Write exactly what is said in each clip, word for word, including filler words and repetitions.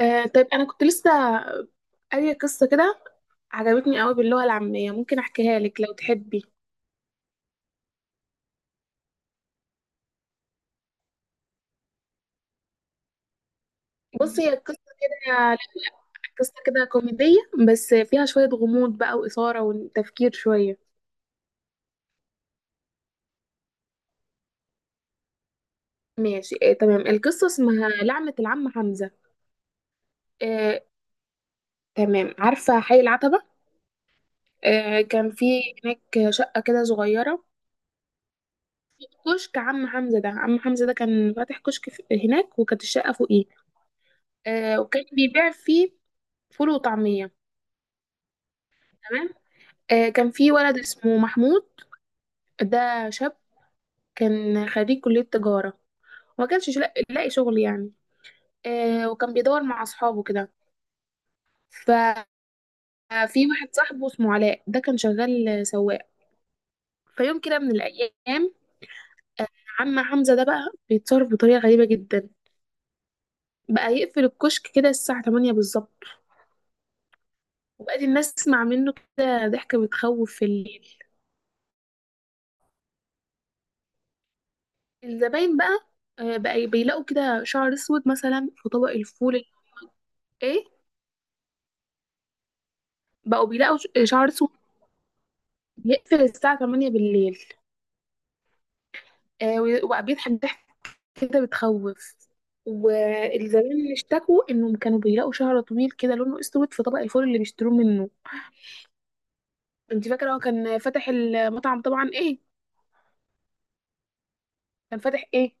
آه، طيب انا كنت لسه قارية قصة كده، عجبتني قوي باللغة العامية. ممكن احكيها لك لو تحبي؟ بصي، هي قصة كده، لا، لا، قصة كده كوميدية بس فيها شوية غموض بقى وإثارة وتفكير شوية. ماشي، آه تمام. القصة اسمها لعنة العم حمزة. آه تمام، عارفة حي العتبة؟ آه كان في هناك شقة كده صغيرة، كشك عم حمزة ده. عم حمزة ده كان فاتح كشك في- هناك، وكانت الشقة فوقيه. آه وكان بيبيع فيه فول وطعمية، تمام. آه، كان في ولد اسمه محمود، ده شاب كان خريج كلية تجارة وما كانش شلا- لاقي شغل يعني. آه، وكان بيدور مع أصحابه كده. ففي واحد صاحبه اسمه علاء، ده كان شغال سواق. فيوم كده من الأيام، عم حمزة ده بقى بيتصرف بطريقة غريبة جدا، بقى يقفل الكشك كده الساعة تمانية بالظبط، وبقت الناس تسمع منه كده ضحكة بتخوف في الليل. الزباين بقى آه، بقى بيلاقوا كده شعر اسود مثلا في طبق الفول. ايه؟ بقوا بيلاقوا ش- شعر اسود. بيقفل الساعة تمانية بالليل. آه وي- وبيضحك ضحك كده بتخوف، والزبائن اللي اشتكوا انهم كانوا بيلاقوا شعر طويل كده لونه اسود في طبق الفول اللي بيشتروه منه. انت فاكرة هو كان فاتح المطعم طبعا ايه؟ كان فاتح ايه؟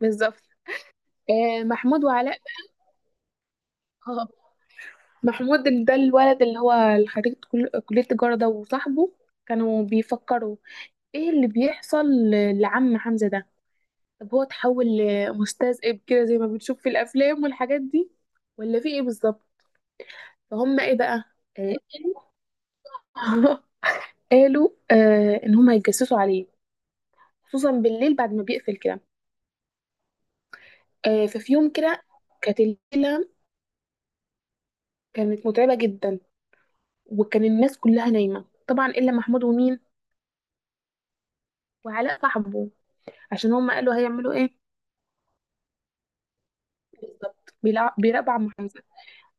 بالظبط. آه محمود وعلاء. آه محمود، ال- ده الولد اللي هو خريج كل- كلية التجارة، ده وصاحبه كانوا بيفكروا ايه اللي بيحصل لعم حمزة ده. طب هو اتحول لمستذئب كده زي ما بنشوف في الافلام والحاجات دي، ولا في ايه بالظبط؟ فهم ايه بقى، آه، قالوا قالوا آه ان هم هيتجسسوا عليه، خصوصا بالليل بعد ما بيقفل كده. آه ففي يوم كده، كانت الليله كانت متعبه جدا، وكان الناس كلها نايمه طبعا الا محمود ومين؟ وعلاء صاحبه، عشان هم قالوا هيعملوا ايه. بالظبط، بيلع- بيراقبوا عم.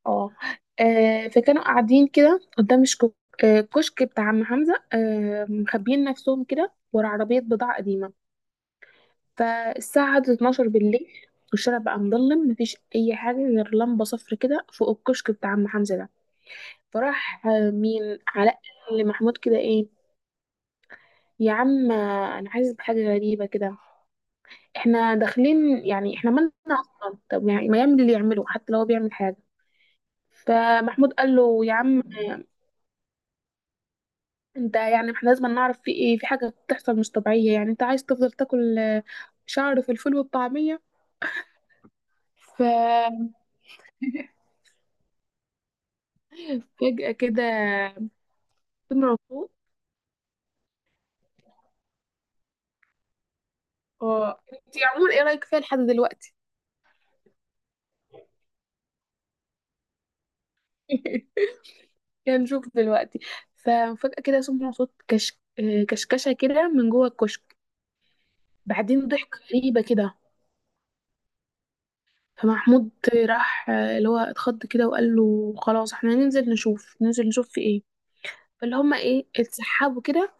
اه آه، فكانوا قاعدين كده قدام الشك- آه، كشك بتاع عم حمزة، آه، مخبيين نفسهم كده ورا عربية بضاعة قديمة. فالساعة عدت اتناشر بالليل، والشارع بقى مظلم، مفيش أي حاجة غير لمبة صفر كده فوق الكشك بتاع عم حمزة ده. فراح آه، مين، علاء، لمحمود كده: ايه يا عم، آه، أنا حاسس بحاجة غريبة كده، احنا داخلين يعني، احنا مالنا أصلا؟ طب يعني ما يعمل اللي يعمله حتى لو هو بيعمل حاجة. فمحمود قال له: يا عم انت، يعني احنا لازم نعرف في ايه، في حاجة بتحصل مش طبيعية، يعني انت عايز تفضل تاكل آه، شعر في الفول والطعمية؟ ففجأة كده سمع صوت. اه، انت عموما ايه رأيك فيها لحد دلوقتي؟ يعني نشوف دلوقتي. ففجأة كده سمع صوت كش... آه، كشكشة كده من جوه الكشك، بعدين ضحكة غريبة كده. فمحمود راح، آه، اللي هو اتخض كده، وقال له: خلاص احنا ننزل نشوف، ننزل نشوف في ايه. فاللي هما ايه، اتسحبوا كده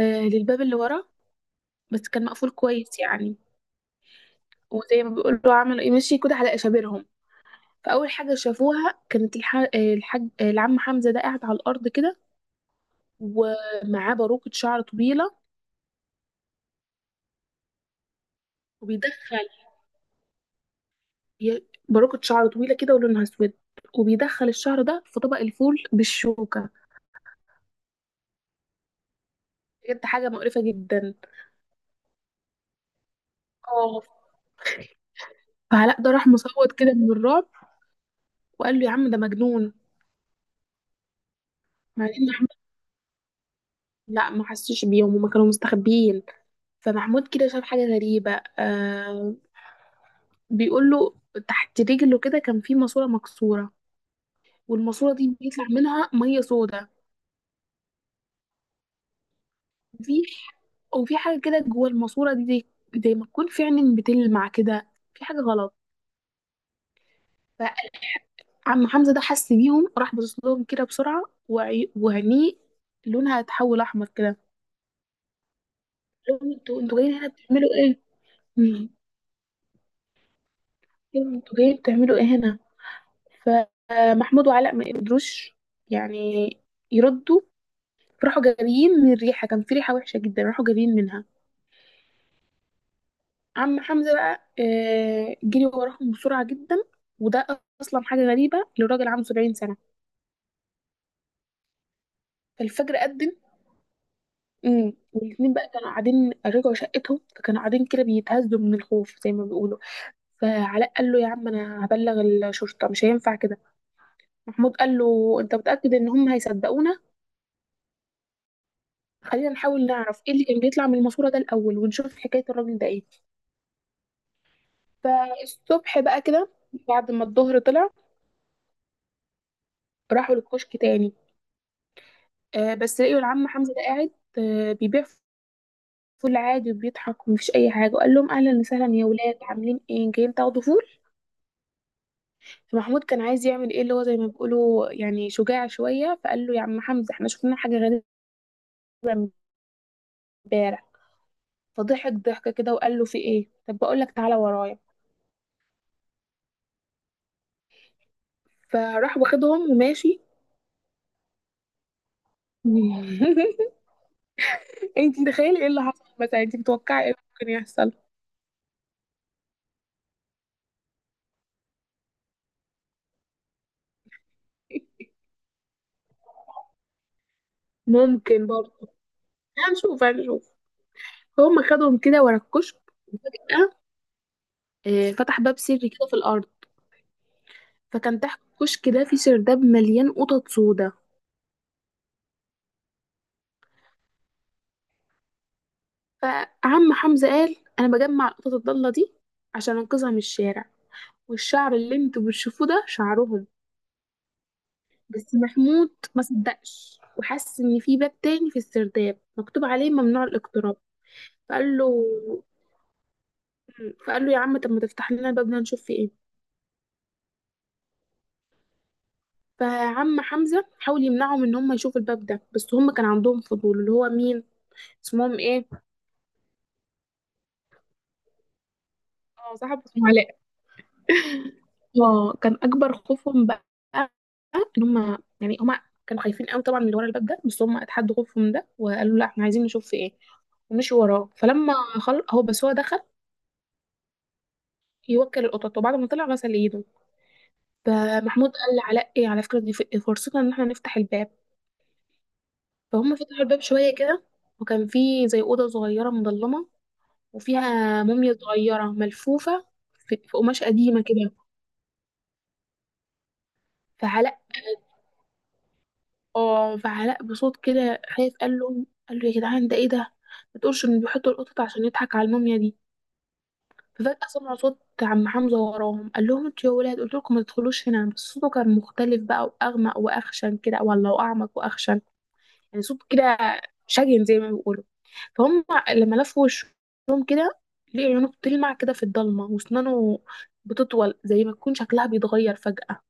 آه، للباب اللي ورا، بس كان مقفول كويس يعني. وزي ما بيقولوا عملوا ايه، مشي كده على اشابرهم. فاول حاجه شافوها كانت الح... الحاج العم حمزه ده قاعد على الارض كده، ومعاه باروكه شعر طويله. وبيدخل ي- باروكه شعر طويله كده، ولونها اسود، وبيدخل الشعر ده في طبق الفول بالشوكه، بجد حاجه مقرفه جدا، اه. فعلاء ده راح مصوت كده من الرعب، وقال له: يا عم ده مجنون. بعدين محمود، لا ما حسوش بيهم، هما كانوا مستخبيين. فمحمود كده شاف حاجه غريبه، آه بيقول له: تحت رجله كده كان في ماسورة مكسورة، والماسورة دي بيطلع منها مية سودا. في وفي حاجة كده جوه الماسورة دي، زي زي ما تكون في عين بتلمع كده، في حاجة غلط. فعم حمزة ده حس بيهم، راح باصص لهم كده بسرعة، وعي- وعينيه لونها اتحول أحمر كده. قال لهم: انتوا انتوا جايين هنا بتعملوا ايه؟ مم. انتوا جايين بتعملوا ايه هنا؟ فمحمود وعلاء ما قدروش يعني يردوا، فراحوا جاريين من الريحة، كان في ريحة وحشة جدا، راحوا جاريين منها. عم حمزة بقى آه، جري وراهم بسرعة جدا، وده أصلا حاجة غريبة لراجل عنده سبعين سنة. فالفجر أذن. امم والاتنين بقى كانوا قاعدين، رجعوا شقتهم، فكانوا قاعدين كده بيتهزوا من الخوف زي ما بيقولوا. فعلاء قال له: يا عم أنا هبلغ الشرطة، مش هينفع كده. محمود قال له: أنت متأكد إن هم هيصدقونا؟ خلينا نحاول نعرف إيه اللي كان بيطلع من الماسورة ده الأول، ونشوف حكاية الراجل ده إيه. فالصبح بقى كده، بعد ما الظهر طلع، راحوا للكشك تاني، آه بس لقيوا العم حمزة ده قاعد آه بيبيع فول عادي وبيضحك، ومفيش أي حاجة، وقال لهم: أهلا وسهلا يا ولاد، عاملين إيه، جايين تاخدوا فول؟ فمحمود كان عايز يعمل إيه، اللي هو زي ما بيقولوا يعني شجاع شوية، فقال له: يا عم حمزة إحنا شفنا حاجة غريبة امبارح. فضحك ضحكة كده وقال له: في إيه؟ طب بقول لك، تعالى ورايا. فراح واخدهم وماشي. انت متخيلة ايه اللي حصل مثلا؟ انت متوقعة ايه ممكن يحصل؟ ممكن برضه، هنشوف هنشوف. فهم خدهم كده ورا الكشك، وفجأة آه، فتح باب سري كده في الأرض. فكان تحت الكشك ده في سرداب مليان قطط سودا. فعم حمزة قال: أنا بجمع القطط الضالة دي عشان أنقذها من الشارع، والشعر اللي انتوا بتشوفوه ده شعرهم. بس محمود ما صدقش، وحس إن في باب تاني في السرداب مكتوب عليه ممنوع الاقتراب. فقال له فقال له: يا عم، طب ما تفتح لنا الباب ده نشوف فيه إيه. فعم حمزة حاول يمنعهم إن هم يشوفوا الباب ده، بس هم كان عندهم فضول. اللي هو مين اسمهم ايه؟ اه، صاحب اسمه علاء. اه، كان اكبر خوفهم بقى ان هم، يعني هم كانوا خايفين قوي طبعا من اللي ورا الباب ده، بس هم اتحدوا خوفهم ده، وقالوا: لا احنا عايزين نشوف في ايه. ومشي وراه. فلما خل... هو بس هو دخل يوكل القطط، وبعد ما طلع غسل ايده. فمحمود قال لعلاء: ايه، على فكره دي ف- فرصتنا ان احنا نفتح الباب. فهم فتحوا الباب شويه كده، وكان في زي اوضه صغيره مظلمه، وفيها موميا صغيره ملفوفه في, في قماش قديمه كده. فعلاء اه فعلاء بصوت كده خايف، قال لهم قال له: يا جدعان ده ايه ده؟ ما تقولش ان بيحطوا القطط عشان يضحك على الموميا دي. ففجأة سمعوا صوت عم حمزة وراهم، قال لهم: انتوا يا ولاد، قلت لكم ما تدخلوش هنا، بس صوته كان مختلف بقى، واغمق واخشن كده، ولا واعمق واخشن، يعني صوت كده شجن زي ما بيقولوا. فهم لما لفوا وشهم كده، لقوا عيونه بتلمع كده في الضلمة، واسنانه بتطول، زي ما تكون شكلها بيتغير فجأة.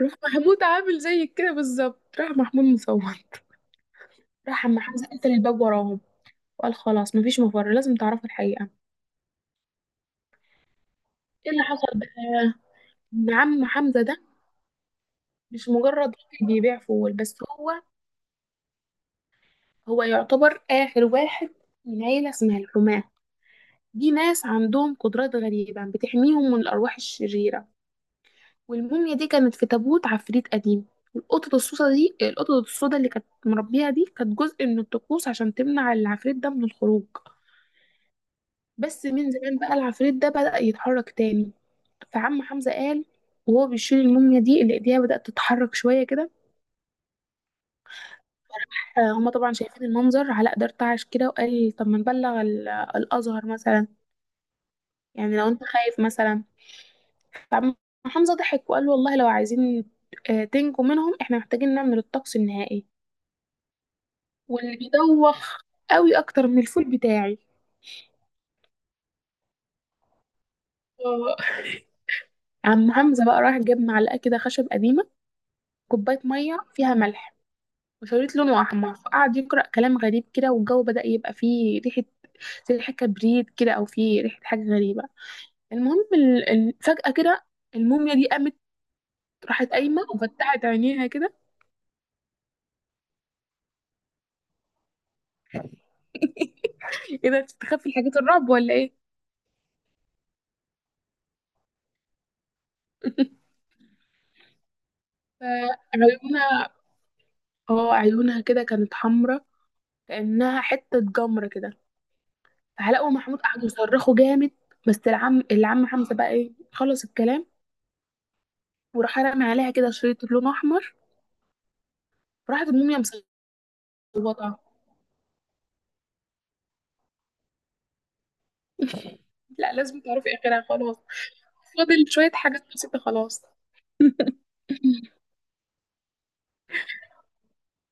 راح محمود عامل زي كده بالظبط، راح محمود مصور. راح عم حمزة قفل الباب وراهم، وقال: خلاص مفيش مفر، لازم تعرفوا الحقيقة. ايه اللي حصل بقى؟ ان عم حمزة ده مش مجرد راجل بيبيع فول بس، هو هو يعتبر آخر واحد من عيلة اسمها الحماة. دي ناس عندهم قدرات غريبة بتحميهم من الأرواح الشريرة، والموميا دي كانت في تابوت عفريت قديم. القطط السودا دي القطط السودا اللي كانت مربيها دي، كانت جزء من الطقوس عشان تمنع العفريت ده من الخروج. بس من زمان بقى، العفريت ده بدأ يتحرك تاني. فعم حمزة قال وهو بيشيل الموميا دي اللي ايديها بدأت تتحرك شوية كده، آه، هما طبعا شايفين المنظر. علاء ده ارتعش كده وقال: طب ما نبلغ ال- الأزهر مثلا، يعني لو انت خايف مثلا. فعم حمزة ضحك وقال له: والله لو عايزين آه، تنجوا منهم، احنا محتاجين نعمل الطقس النهائي، واللي بيدوخ قوي اكتر من الفول بتاعي. آه. عم حمزة بقى راح جاب معلقة كده خشب قديمة، كوباية مية فيها ملح، وشريط لونه احمر، فقعد يقرا كلام غريب كده، والجو بدا يبقى فيه ريحه زي ريحه كبريت كده، او فيه ريحه حاجه غريبه. المهم ال... ال... فجاه كده الموميا دي قامت، راحت قايمه وفتحت عينيها كده. ايه ده، بتستخبي حاجات الرعب ولا ايه؟ فعيونها، اه عيونها كده كانت حمرا، كانها حته جمره كده. فعلاء ومحمود قعدوا يصرخوا جامد، بس العم العم حمزه بقى ايه خلص الكلام، وراح رمى عليها كده شريط لون احمر، راحت الموميا مصوته. لا لازم تعرفي اخرها خلاص، فاضل شوية حاجات بسيطة خلاص.